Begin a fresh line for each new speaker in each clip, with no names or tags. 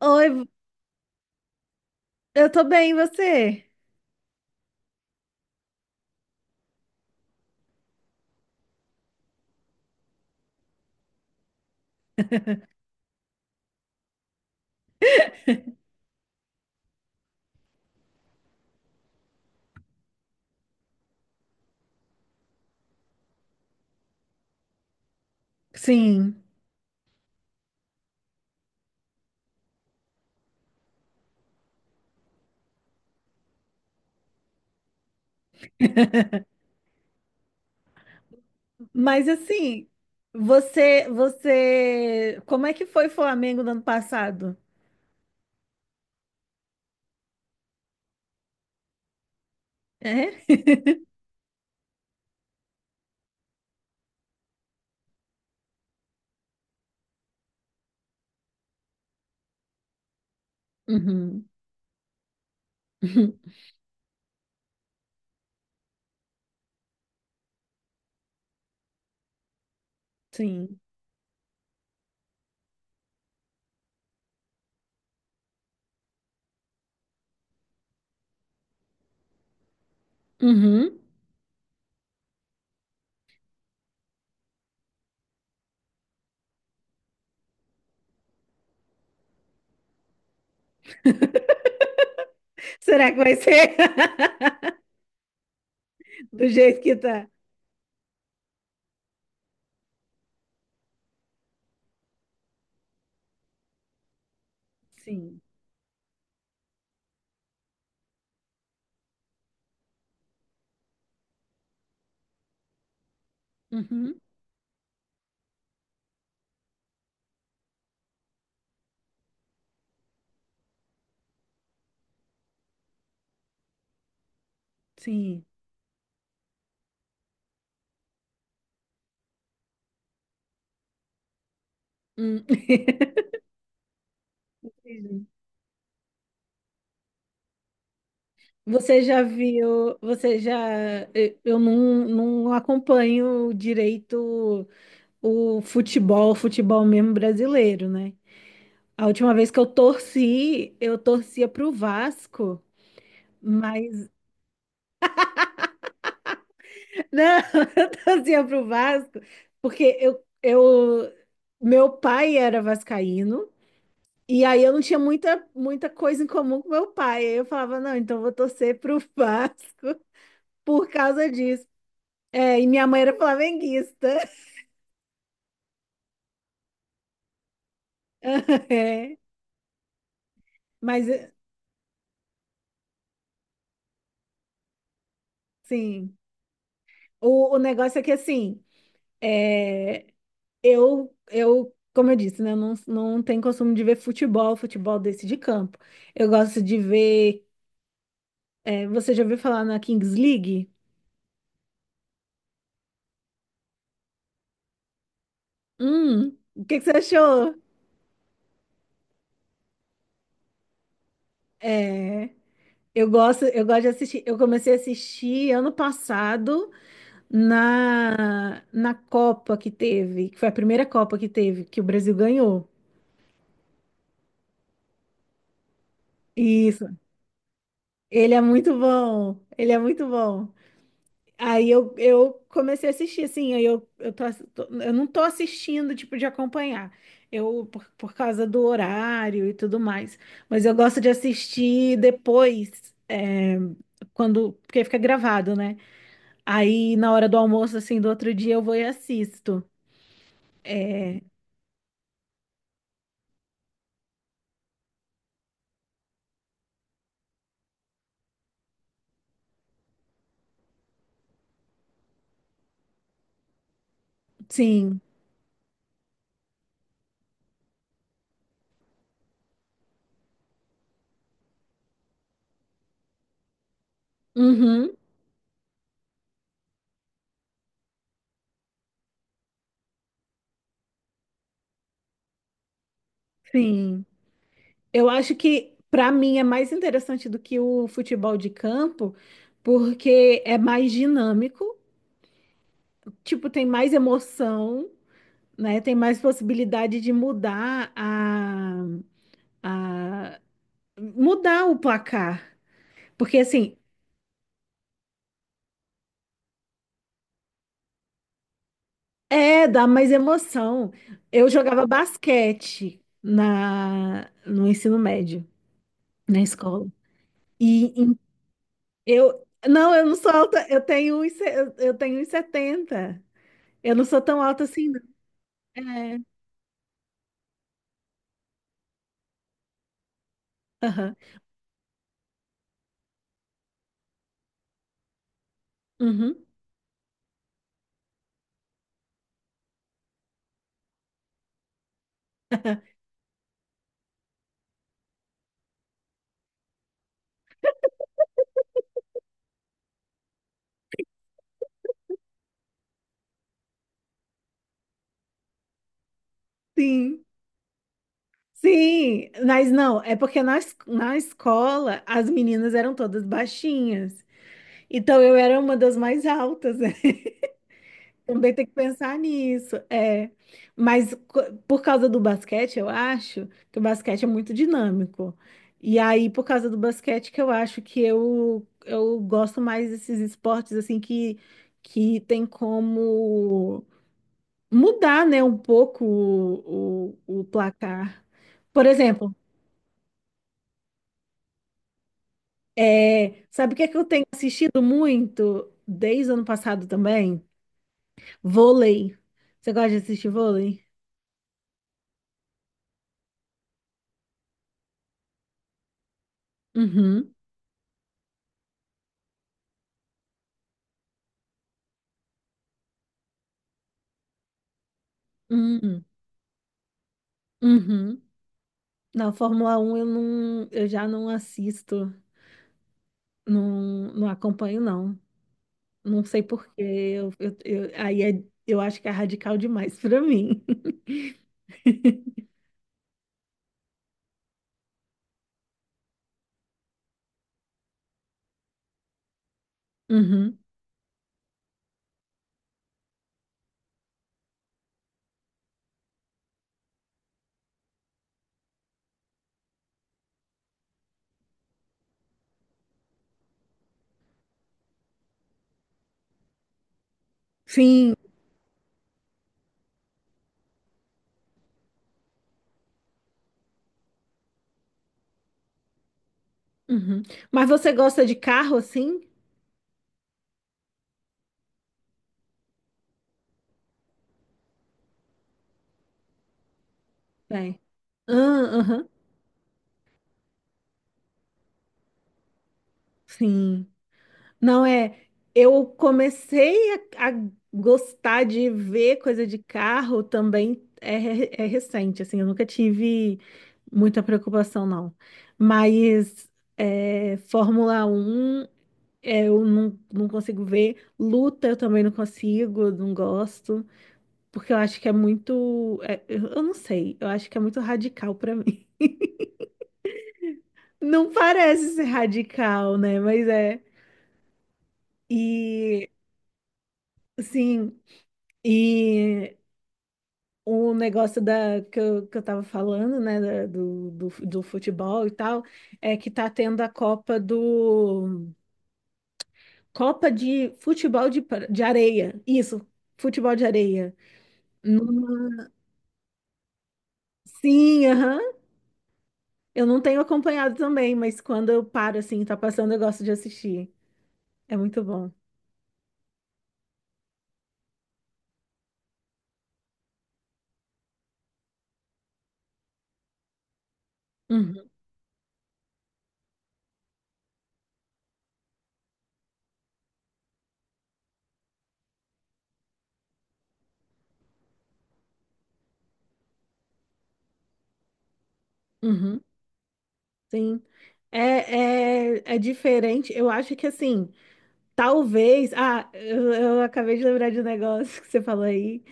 Oi, eu tô bem, e você? Sim, mas assim, você, como é que foi o Flamengo no ano passado? É? Uhum. Uhum. Sim. Uhum. Será que vai ser do jeito que tá? Sim. Uhum. Sim. Hum. Entendi. Você já viu, você já, eu não acompanho direito o futebol, futebol mesmo brasileiro, né? A última vez que eu torci, eu torcia pro Vasco, mas não, eu torcia pro Vasco, porque eu meu pai era vascaíno e aí eu não tinha muita muita coisa em comum com meu pai. Aí eu falava, não, então eu vou torcer pro Vasco por causa disso. É, e minha mãe era flamenguista. É, mas sim, o negócio é que assim, é, eu, como eu disse, né, eu não tenho costume de ver futebol, futebol desse de campo. Eu gosto de ver. Você já ouviu falar na Kings League? Hum, o que que você achou? É, eu gosto de assistir. Eu comecei a assistir ano passado na Copa que teve, que foi a primeira Copa que teve, que o Brasil ganhou. Isso. Ele é muito bom. Ele é muito bom. Aí eu comecei a assistir, assim, aí eu, tô, ass- tô- eu não tô assistindo, tipo, de acompanhar, por causa do horário e tudo mais, mas eu gosto de assistir depois, porque fica gravado, né? Aí, na hora do almoço, assim, do outro dia, eu vou e assisto. Sim, uhum, sim. Eu acho que, pra mim, é mais interessante do que o futebol de campo, porque é mais dinâmico, tipo, tem mais emoção, né? Tem mais possibilidade de mudar a mudar o placar. Porque assim, dá mais emoção. Eu jogava basquete na no ensino médio, na escola. E, em- eu não sou alta, eu tenho 1,70, eu tenho 1,70. Eu não sou tão alta assim, não. É. Aham, uhum, Sim. Sim, mas não, é porque na escola as meninas eram todas baixinhas. Então eu era uma das mais altas, né? Também tem que pensar nisso. É. Por causa do basquete, eu acho que o basquete é muito dinâmico. E aí, por causa do basquete, que eu acho que eu gosto mais desses esportes assim que tem como mudar, né, um pouco o placar. Por exemplo. É, sabe o que é que eu tenho assistido muito desde o ano passado também? Vôlei. Você gosta de assistir vôlei? Uhum, uhum, uhum. Na Fórmula 1 eu já não assisto, não acompanho não. Não sei por quê. Eu acho que é radical demais pra mim. Uhum. Sim. Uhum. Mas você gosta de carro assim? É. Ah, aham. Sim. Não é. Eu comecei a gostar de ver coisa de carro também é recente, assim, eu nunca tive muita preocupação, não. Mas Fórmula 1 eu não consigo ver, luta eu também não consigo, não gosto, porque eu acho que é muito. Eu não sei, eu acho que é muito radical pra mim. Não parece ser radical, né? Mas é. E, sim. E o negócio que eu tava falando, né, do futebol e tal, é que tá tendo a Copa de futebol de areia. Isso, futebol de areia. Numa- Sim, aham. Eu não tenho acompanhado também, mas quando eu paro, assim, tá passando, eu gosto de assistir. É muito bom. Uhum, uhum, sim. É diferente. Eu acho que, assim, talvez. Ah, eu acabei de lembrar de um negócio que você falou aí.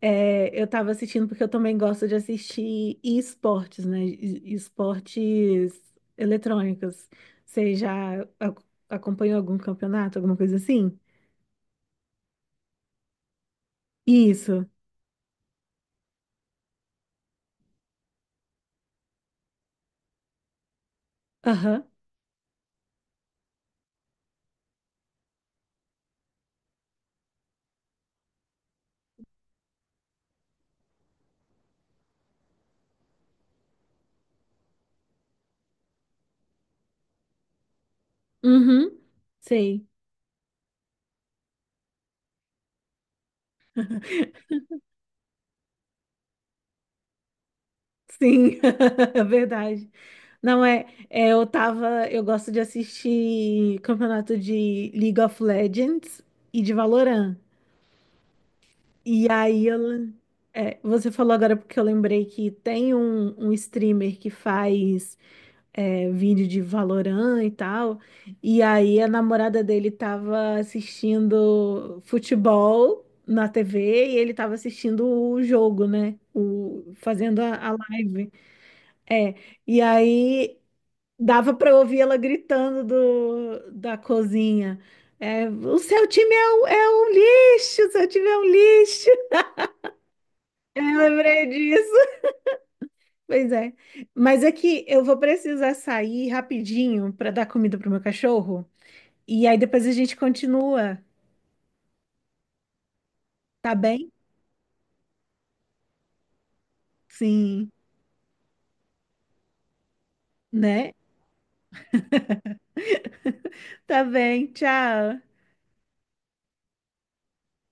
É, eu tava assistindo porque eu também gosto de assistir esportes, né? Esportes eletrônicos. Você já acompanhou algum campeonato, alguma coisa assim? Isso. Aham. Uhum. Sei. Sim. É verdade. Não é, eu gosto de assistir campeonato de League of Legends e de Valorant. E aí ela. Você falou agora porque eu lembrei que tem um streamer que faz vídeo de Valorant e tal. E aí a namorada dele tava assistindo futebol na TV e ele tava assistindo o jogo, né? Fazendo a live. É. E aí dava pra ouvir ela gritando da cozinha. É, o seu time um lixo, o seu time é um lixo. Eu lembrei disso. Pois é. Mas é que eu vou precisar sair rapidinho para dar comida pro meu cachorro. E aí depois a gente continua, tá bem? Sim, né? Tá bem, tchau.